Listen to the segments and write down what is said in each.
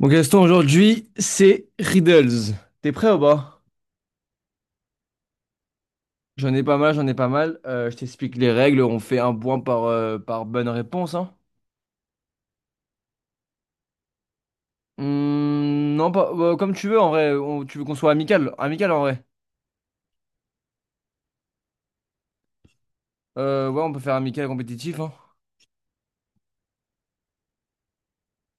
Bon Gaston, aujourd'hui, c'est Riddles. T'es prêt ou pas? J'en ai pas mal, j'en ai pas mal. Je t'explique les règles. On fait un point par bonne réponse, hein. Non, pas, bah, comme tu veux, en vrai. Tu veux qu'on soit amical? Amical, en vrai. Ouais, on peut faire amical compétitif, hein.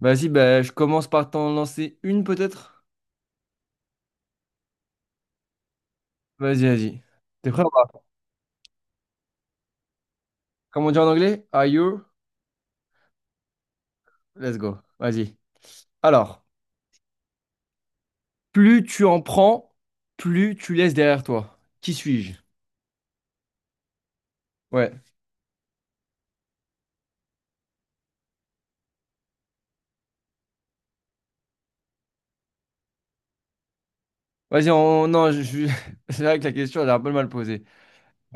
Vas-y, bah, je commence par t'en lancer une, peut-être? Vas-y, vas-y. T'es prêt ou pas? Comme on dit en anglais? Are you? Let's go. Vas-y. Alors, plus tu en prends, plus tu laisses derrière toi. Qui suis-je? Ouais. Non, c'est vrai que la question, elle est un peu mal posée.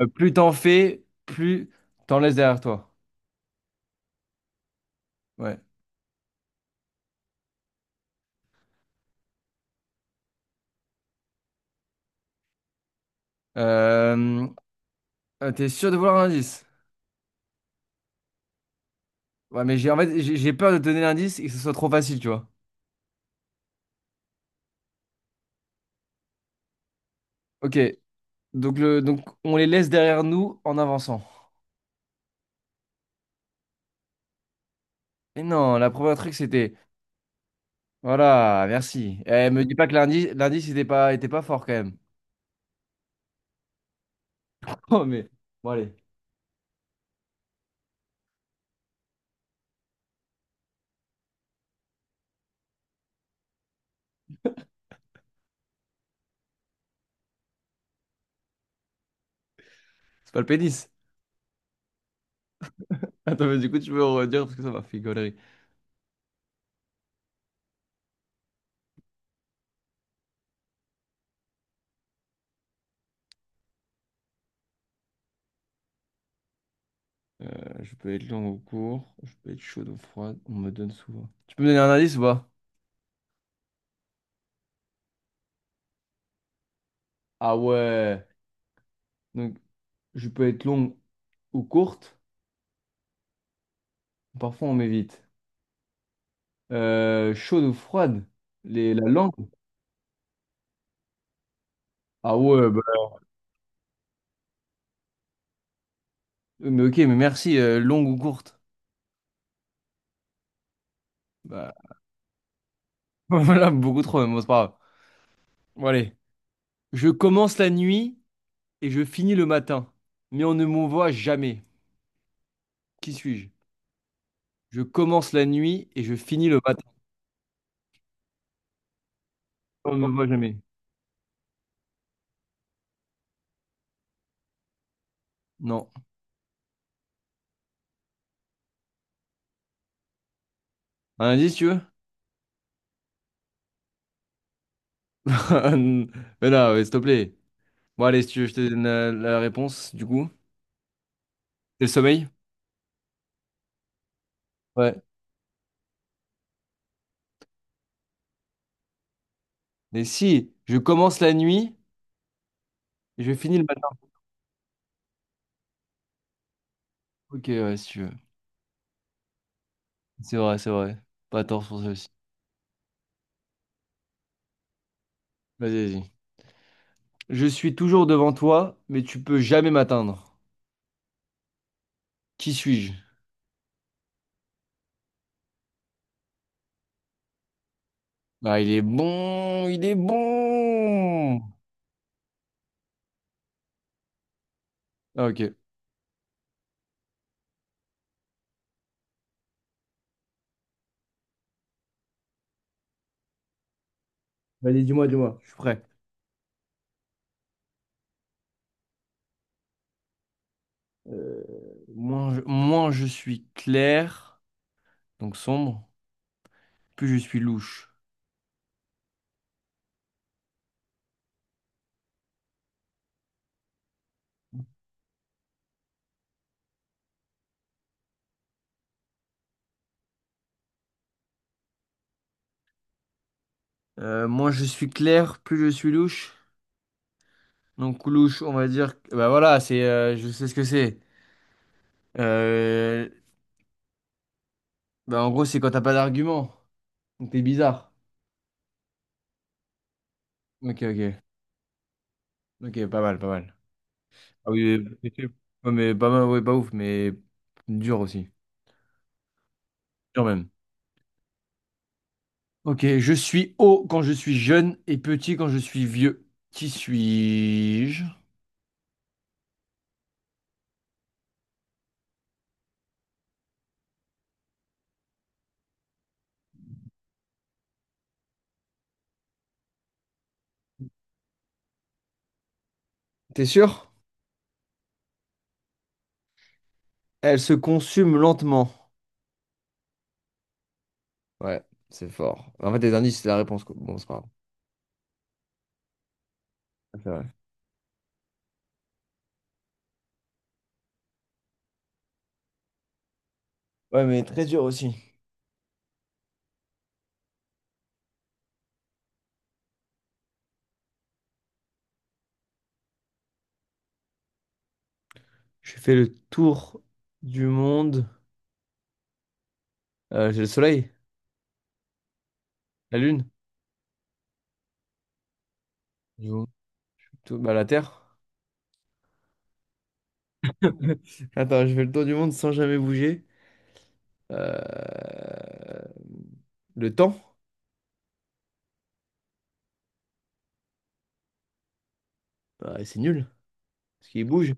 Plus t'en fais, plus t'en laisses derrière toi. Ouais. Euh... T'es sûr de vouloir un indice? Ouais, mais j'ai en fait, j'ai peur de te donner l'indice et que ce soit trop facile, tu vois. Ok, donc on les laisse derrière nous en avançant. Et non, la première truc, c'était. Voilà, merci. Eh, me dis pas que l'indice, était pas fort quand même. Oh, mais. Bon, allez, c'est pas le pénis. Attends, mais du coup, tu peux redire parce que ça m'a fait une connerie. Euh, je peux être lent ou court, je peux être chaude ou froide, on me donne souvent. Tu peux me donner un indice ou pas? Ah ouais, donc je peux être longue ou courte, parfois on m'évite. Chaude ou froide, la langue. Ah ouais, bah, mais ok, mais merci, longue ou courte? Bah, voilà, beaucoup trop, mais bon, c'est pas grave. Bon, allez. Je commence la nuit et je finis le matin, mais on ne me voit jamais. Qui suis-je? Je commence la nuit et je finis le matin, on ne me voit jamais. Non. Un indice, tu veux? Mais là, s'il te plaît. Bon, allez, si tu veux, je te donne la réponse, du coup. C'est le sommeil? Ouais. Mais si, je commence la nuit et je finis le matin. Ok, ouais, si tu veux. C'est vrai, c'est vrai. Pas tort sur ça aussi. Vas-y, vas-y. Je suis toujours devant toi, mais tu peux jamais m'atteindre. Qui suis-je? Ah, il est bon, il est bon. Ah, ok. Vas-y, dis-moi, dis-moi, je suis prêt. Euh, moins je suis clair, donc sombre, plus je suis louche. Moins je suis clair, plus je suis louche. Donc louche, on va dire, bah voilà, je sais ce que c'est. Euh, Bah en gros, c'est quand t'as pas d'argument. Donc t'es bizarre. Ok, ok, ok, pas mal, pas mal. Ah oui, c'est sûr. Ouais, mais pas mal, ouais, pas ouf, mais dur aussi, dur même. Ok, je suis haut quand je suis jeune et petit quand je suis vieux. Qui suis-je? T'es sûr? Elle se consume lentement. Ouais, c'est fort. En fait, les indices, c'est la réponse, quoi. Bon, c'est pas grave. Ouais, mais très dur aussi. J'ai fait le tour du monde. J'ai le soleil, la lune, du coup. Tout, bah, la terre. Attends, j'ai fait le tour du monde sans jamais bouger. Euh, Le temps, bah, c'est nul, parce qu'il bouge.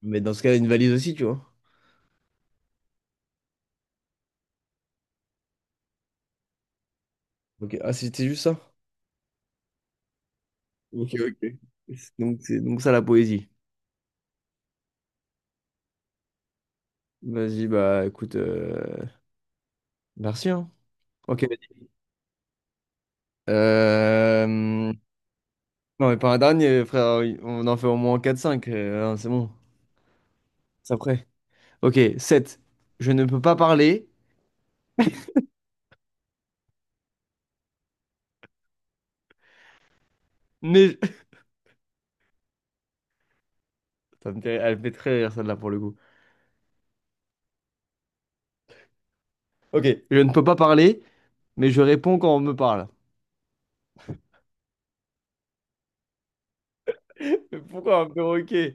Mais dans ce cas, une valise aussi, tu vois. Ok, ah, c'était juste ça. Ok, ok. Donc, c'est donc ça la poésie. Vas-y, bah écoute, merci, hein. Ok. Euh, Non, mais pas un dernier, frère. On en fait au moins quatre cinq, hein, c'est bon. C'est après. Ok, sept. Je ne peux pas parler, mais. Elle me fait très rire celle-là pour le coup. Ok, je ne peux pas parler, mais je réponds quand on me parle. Mais pourquoi un perroquet?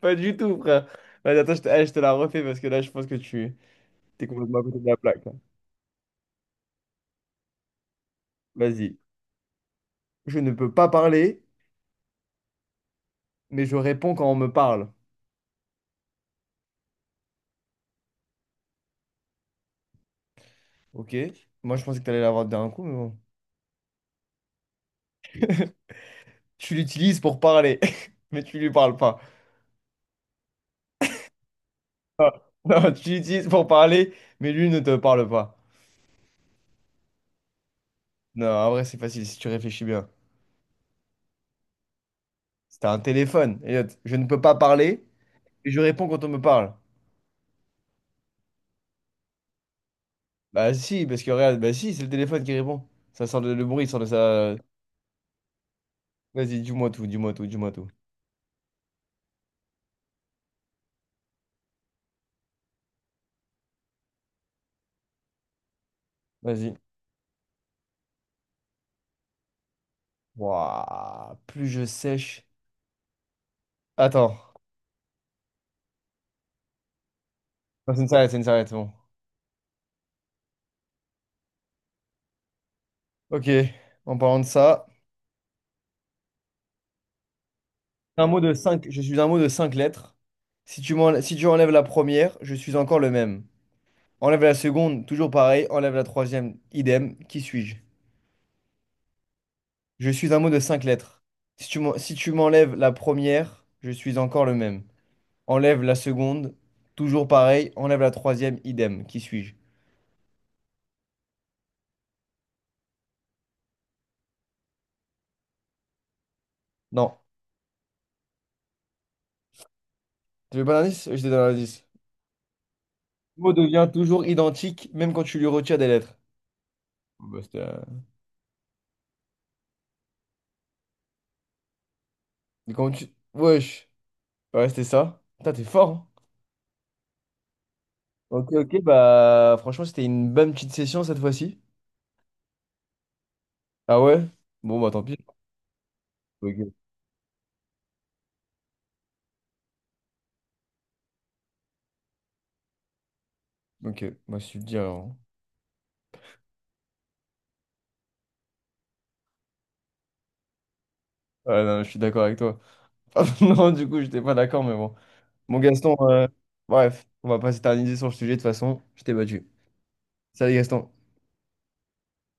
Pas du tout, frère. Vas-y, attends, je te la refais parce que là, je pense que tu t'es complètement à côté de la plaque, là. Vas-y. Je ne peux pas parler, mais je réponds quand on me parle. Ok. Moi, je pensais que t'allais l'avoir d'un coup, mais bon. Tu l'utilises pour parler, mais tu lui parles pas. Non, tu l'utilises pour parler, mais lui ne te parle pas. Non, en vrai, c'est facile si tu réfléchis bien. C'était un téléphone, Elliot. Je ne peux pas parler et je réponds quand on me parle. Bah si, parce que regarde, bah si, c'est le téléphone qui répond. Le bruit, ça sort de ça. Vas-y, dis-moi tout, dis-moi tout, dis-moi tout. Vas-y. Waouh, plus je sèche. Attends. Non, c'est une s'arrête, c'est bon. Ok, en parlant de ça. Un mot de cinq, Je suis un mot de cinq lettres. Si tu enlèves la première, je suis encore le même. Enlève la seconde, toujours pareil. Enlève la troisième, idem. Qui suis-je? Je suis un mot de cinq lettres. Si tu m'enlèves la première, je suis encore le même. Enlève la seconde, toujours pareil. Enlève la troisième, idem. Qui suis-je? Non. Tu veux pas l'indice? Je te donne l'indice. Le mot devient toujours identique, même quand tu lui retires des lettres. Oh, bah, mais comment tu. Wesh. Bah, ouais, c'était ça. Putain, t'es fort, hein. Ok, ok, bah franchement, c'était une bonne petite session cette fois-ci. Ah ouais? Bon, bah tant pis. Ok. Ok, moi je suis bien, hein. Ouais, non, je suis d'accord avec toi. Non, du coup, j'étais pas d'accord, mais bon. Bon Gaston, bref, on va pas s'éterniser sur le sujet de toute façon. Je t'ai battu. Salut Gaston.